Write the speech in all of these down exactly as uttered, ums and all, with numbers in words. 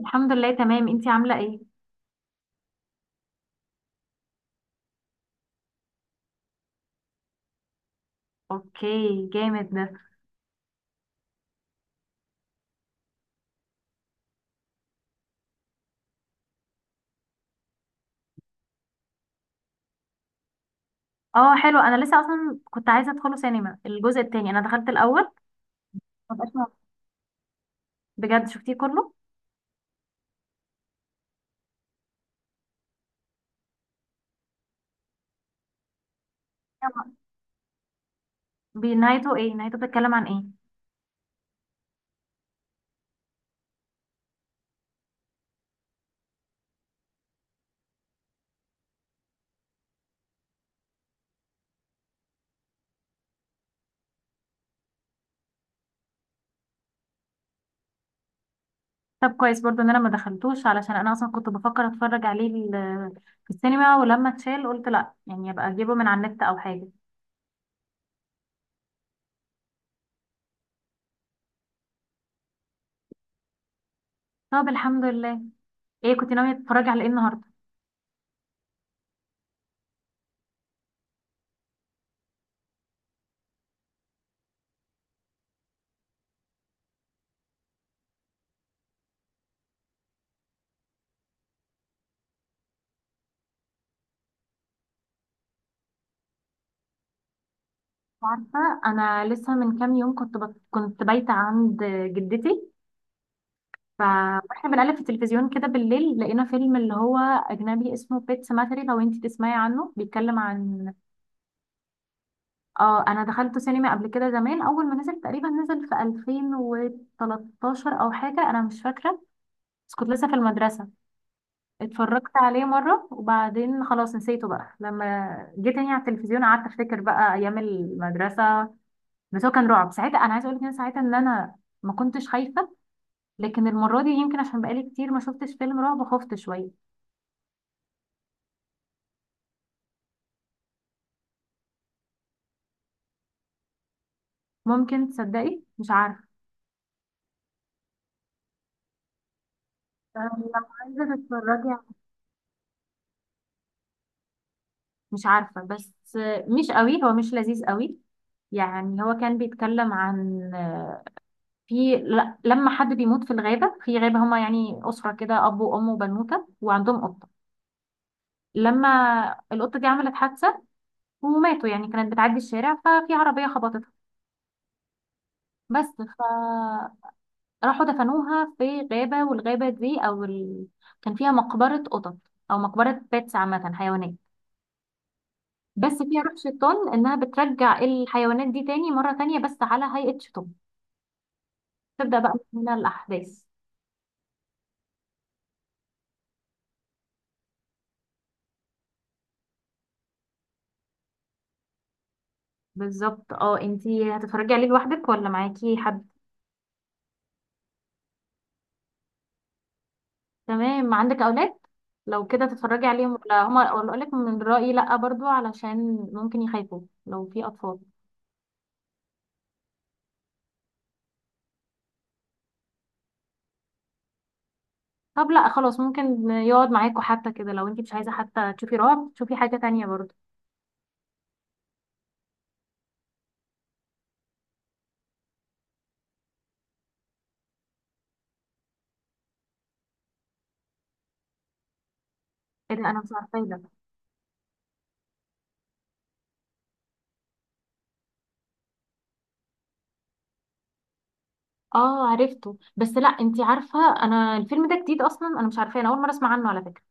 الحمد لله تمام. انتي عاملة ايه؟ اوكي. جامد ده. اه حلو، انا لسه اصلا كنت عايزة ادخله سينما. الجزء التاني انا دخلت الاول، ما بقاش مبسوطة. بجد شفتيه كله. يلا. بنهايته ايه؟ نهايته بتتكلم عن ايه؟ طب كويس برضو ان انا ما دخلتوش، علشان انا اصلا كنت بفكر اتفرج عليه ال- في السينما، ولما اتشال قلت لا، يعني ابقى اجيبه من على النت او حاجة. طب الحمد لله. ايه كنت ناوية تتفرجي على ايه النهاردة؟ عارفة انا لسه من كام يوم كنت بت... كنت بايتة عند جدتي، ف- واحنا بنقلب في التلفزيون كده بالليل لقينا فيلم اللي هو اجنبي اسمه بيت سيماتري، لو انت تسمعي عنه. بيتكلم عن، اه، انا دخلته سينما قبل كده زمان اول ما نزل، تقريبا نزل في ألفين وتلتاشر او حاجه، انا مش فاكره، بس كنت لسه في المدرسه. اتفرجت عليه مره وبعدين خلاص نسيته بقى. لما جيت تاني على التلفزيون قعدت افتكر بقى ايام المدرسه. بس هو كان رعب ساعتها، انا عايزه اقول لك إن أنا ساعتها ان انا ما كنتش خايفه، لكن المره دي يمكن عشان بقالي كتير ما شفتش فيلم رعب خفت شويه. ممكن، تصدقي مش عارفه. طب لو عايزة تتفرجي على، مش عارفه، بس مش قوي، هو مش لذيذ قوي. يعني هو كان بيتكلم عن، في ل- لما حد بيموت في الغابه. في غابه هما يعني اسره كده، اب وام وبنوته وعندهم قطه. لما القطه دي عملت حادثه وماتوا، يعني كانت بتعدي الشارع ففي عربيه خبطتها، بس. فراحوا دفنوها في غابه، والغابه دي او ال... كان فيها مقبره قطط، او مقبره بيتس عامه، حيوانات، بس فيها روح شيطان انها بترجع الحيوانات دي تاني، مرة تانية بس على هيئة شيطان. تبدأ بقى من هنا الأحداث. بالظبط. اه، انتي هتتفرجي عليه لوحدك ولا معاكي حد؟ تمام. عندك أولاد؟ لو كده تتفرجي عليهم ولا هما، ولا أقولك من رأيي، لأ برضو، علشان ممكن يخافوا لو في أطفال. طب لأ خلاص، ممكن يقعد معاكوا حتى كده. لو انتي مش عايزة حتى تشوفي رعب تشوفي حاجة تانية برضو. ايه ده؟ انا مش عارفة ايه ده. اه عرفته، بس لأ، انتي عارفة انا الفيلم ده جديد اصلا، انا مش عارفة، انا اول مرة اسمع عنه على فكرة.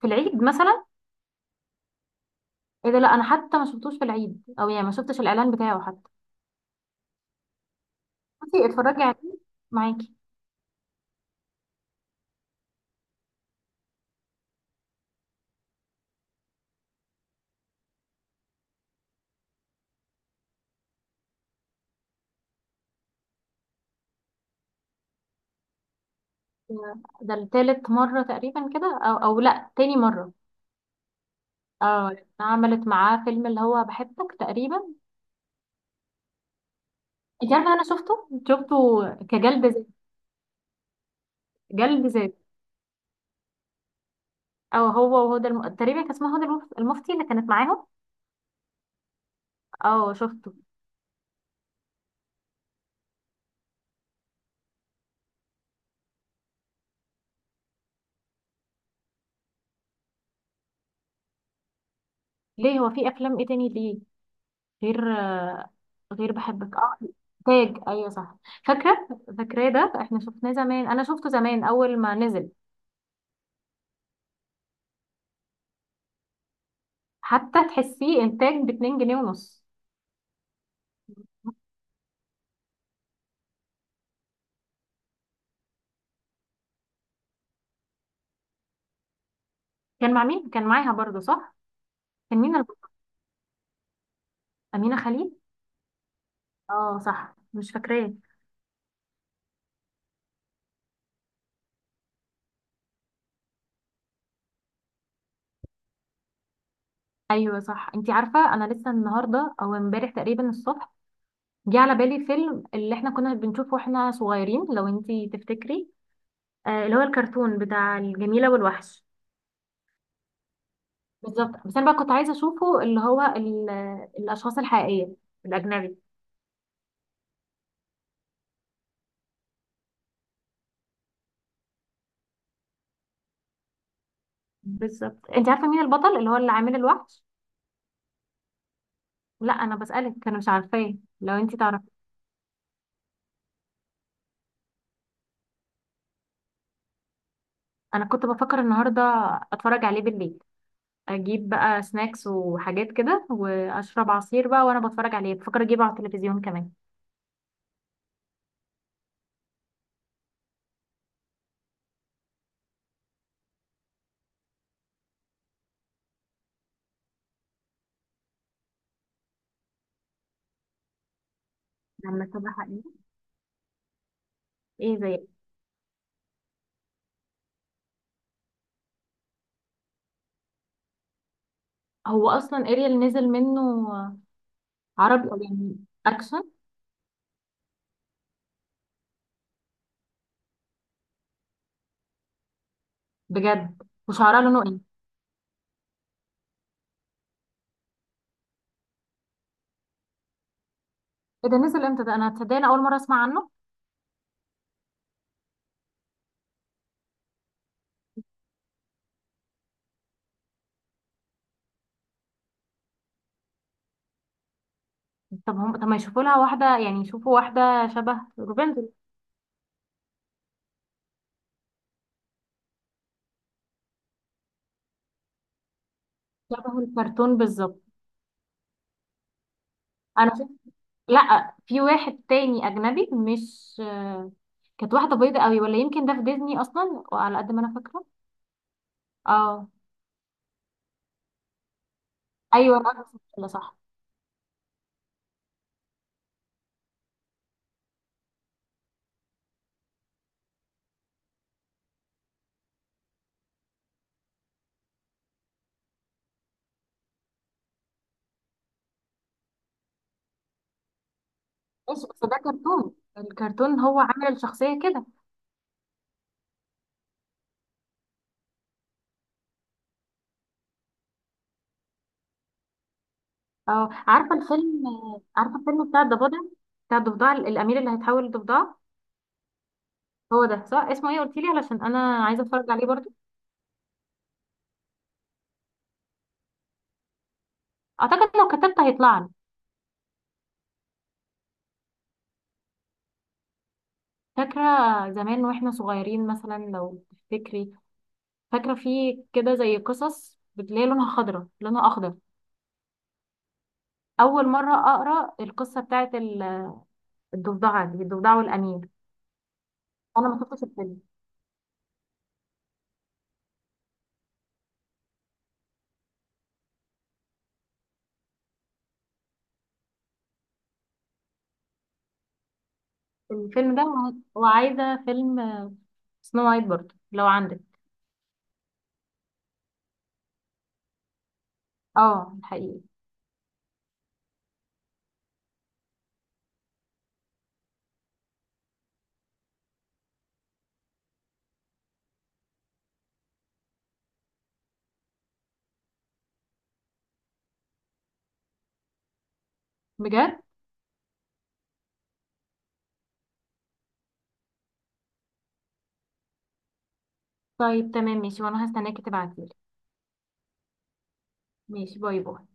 في العيد مثلا؟ ايه ده، لا انا حتى ما شفتوش في العيد، او يعني ما شفتش الاعلان بتاعه حتى. بصي اتفرجي عليه معاكي. ده التالت مرة تقريبا كده، او، او لا، تاني مرة. اه عملت معاه فيلم اللي هو بحبك تقريبا. انت عارفة انا شفته، شفته كجلد ذات. جلد ذات. او هو وهدى الم... تقريبا كان اسمها هدى المف- المفتي اللي كانت معاهم. اه شفته. ليه، هو في افلام ايه تاني؟ ليه غير آه، غير بحبك؟ اه، تاج، ايوه صح، فاكره. فاكراه، ده احنا شفناه زمان، انا شفته زمان اول ما نزل. حتى تحسيه انتاج ب اتنين جنيه ونص. كان مع مين، كان معاها برضه صح؟ كان مين الب... امينه خليل. اه صح، مش فاكراه. ايوه صح. انتي عارفه انا لسه النهارده او امبارح تقريبا الصبح جه على بالي فيلم اللي احنا كنا بنشوفه واحنا صغيرين، لو انتي تفتكري، آه اللي هو الكرتون بتاع الجميله والوحش. بالظبط، بس انا بقى كنت عايزه اشوفه اللي هو ال- الاشخاص الحقيقيه، الاجنبي. بالظبط. انت عارفه مين البطل اللي هو اللي عامل الوحش؟ لا انا بسالك، انا مش عارفاه، لو انت تعرفي. انا كنت بفكر النهارده اتفرج عليه بالليل، اجيب بقى سناكس وحاجات كده واشرب عصير بقى وانا بتفرج عليه. بفكر اجيبه على التلفزيون كمان. لما تبقى حقيقي. ايه زي؟ هو اصلا اريال نزل منه. عربي او يعني اكشن. بجد؟ وشعرها لونه ايه؟ ايه ده، نزل امتى ده؟ انا تصدقني اول مره اسمع عنه. طب هم، طب ما يشوفوا لها واحدة، يعني يشوفوا واحدة شبه روبنزل. شبه الكرتون بالظبط. انا شفت، لا، في واحد تاني اجنبي، مش آه، كانت واحدة بيضة قوي، ولا يمكن ده في ديزني اصلا، وعلى قد ما انا فاكرة. اه. ايوه، الأرض السفلى، صح. ماشي، بس ده كرتون، الكرتون هو عامل الشخصية كده. اه عارفة الفيلم، آه، عارفة الفيلم بتاع الضفدع؟ بتاع الضفدع، الأمير اللي هيتحول لضفدع. هو ده صح، اسمه ايه؟ قلتيلي علشان انا عايزة اتفرج عليه برضه. اعتقد لو كتبت هيطلع لي. فاكرة زمان واحنا صغيرين، مثلا لو تفتكري، فاكرة في كده زي قصص بتلاقي لونها خضرة، لونها أخضر، أول مرة أقرأ القصة بتاعت ال- الضفدعة دي، الضفدع والأمير. أنا ما شفتش الفيلم. الفيلم ده وع- وعايزة فيلم سنو وايت برضه لو عندك. اه الحقيقي. بجد؟ طيب تمام ماشي، وأنا هستناكي تبعتيلي. ماشي، باي باي.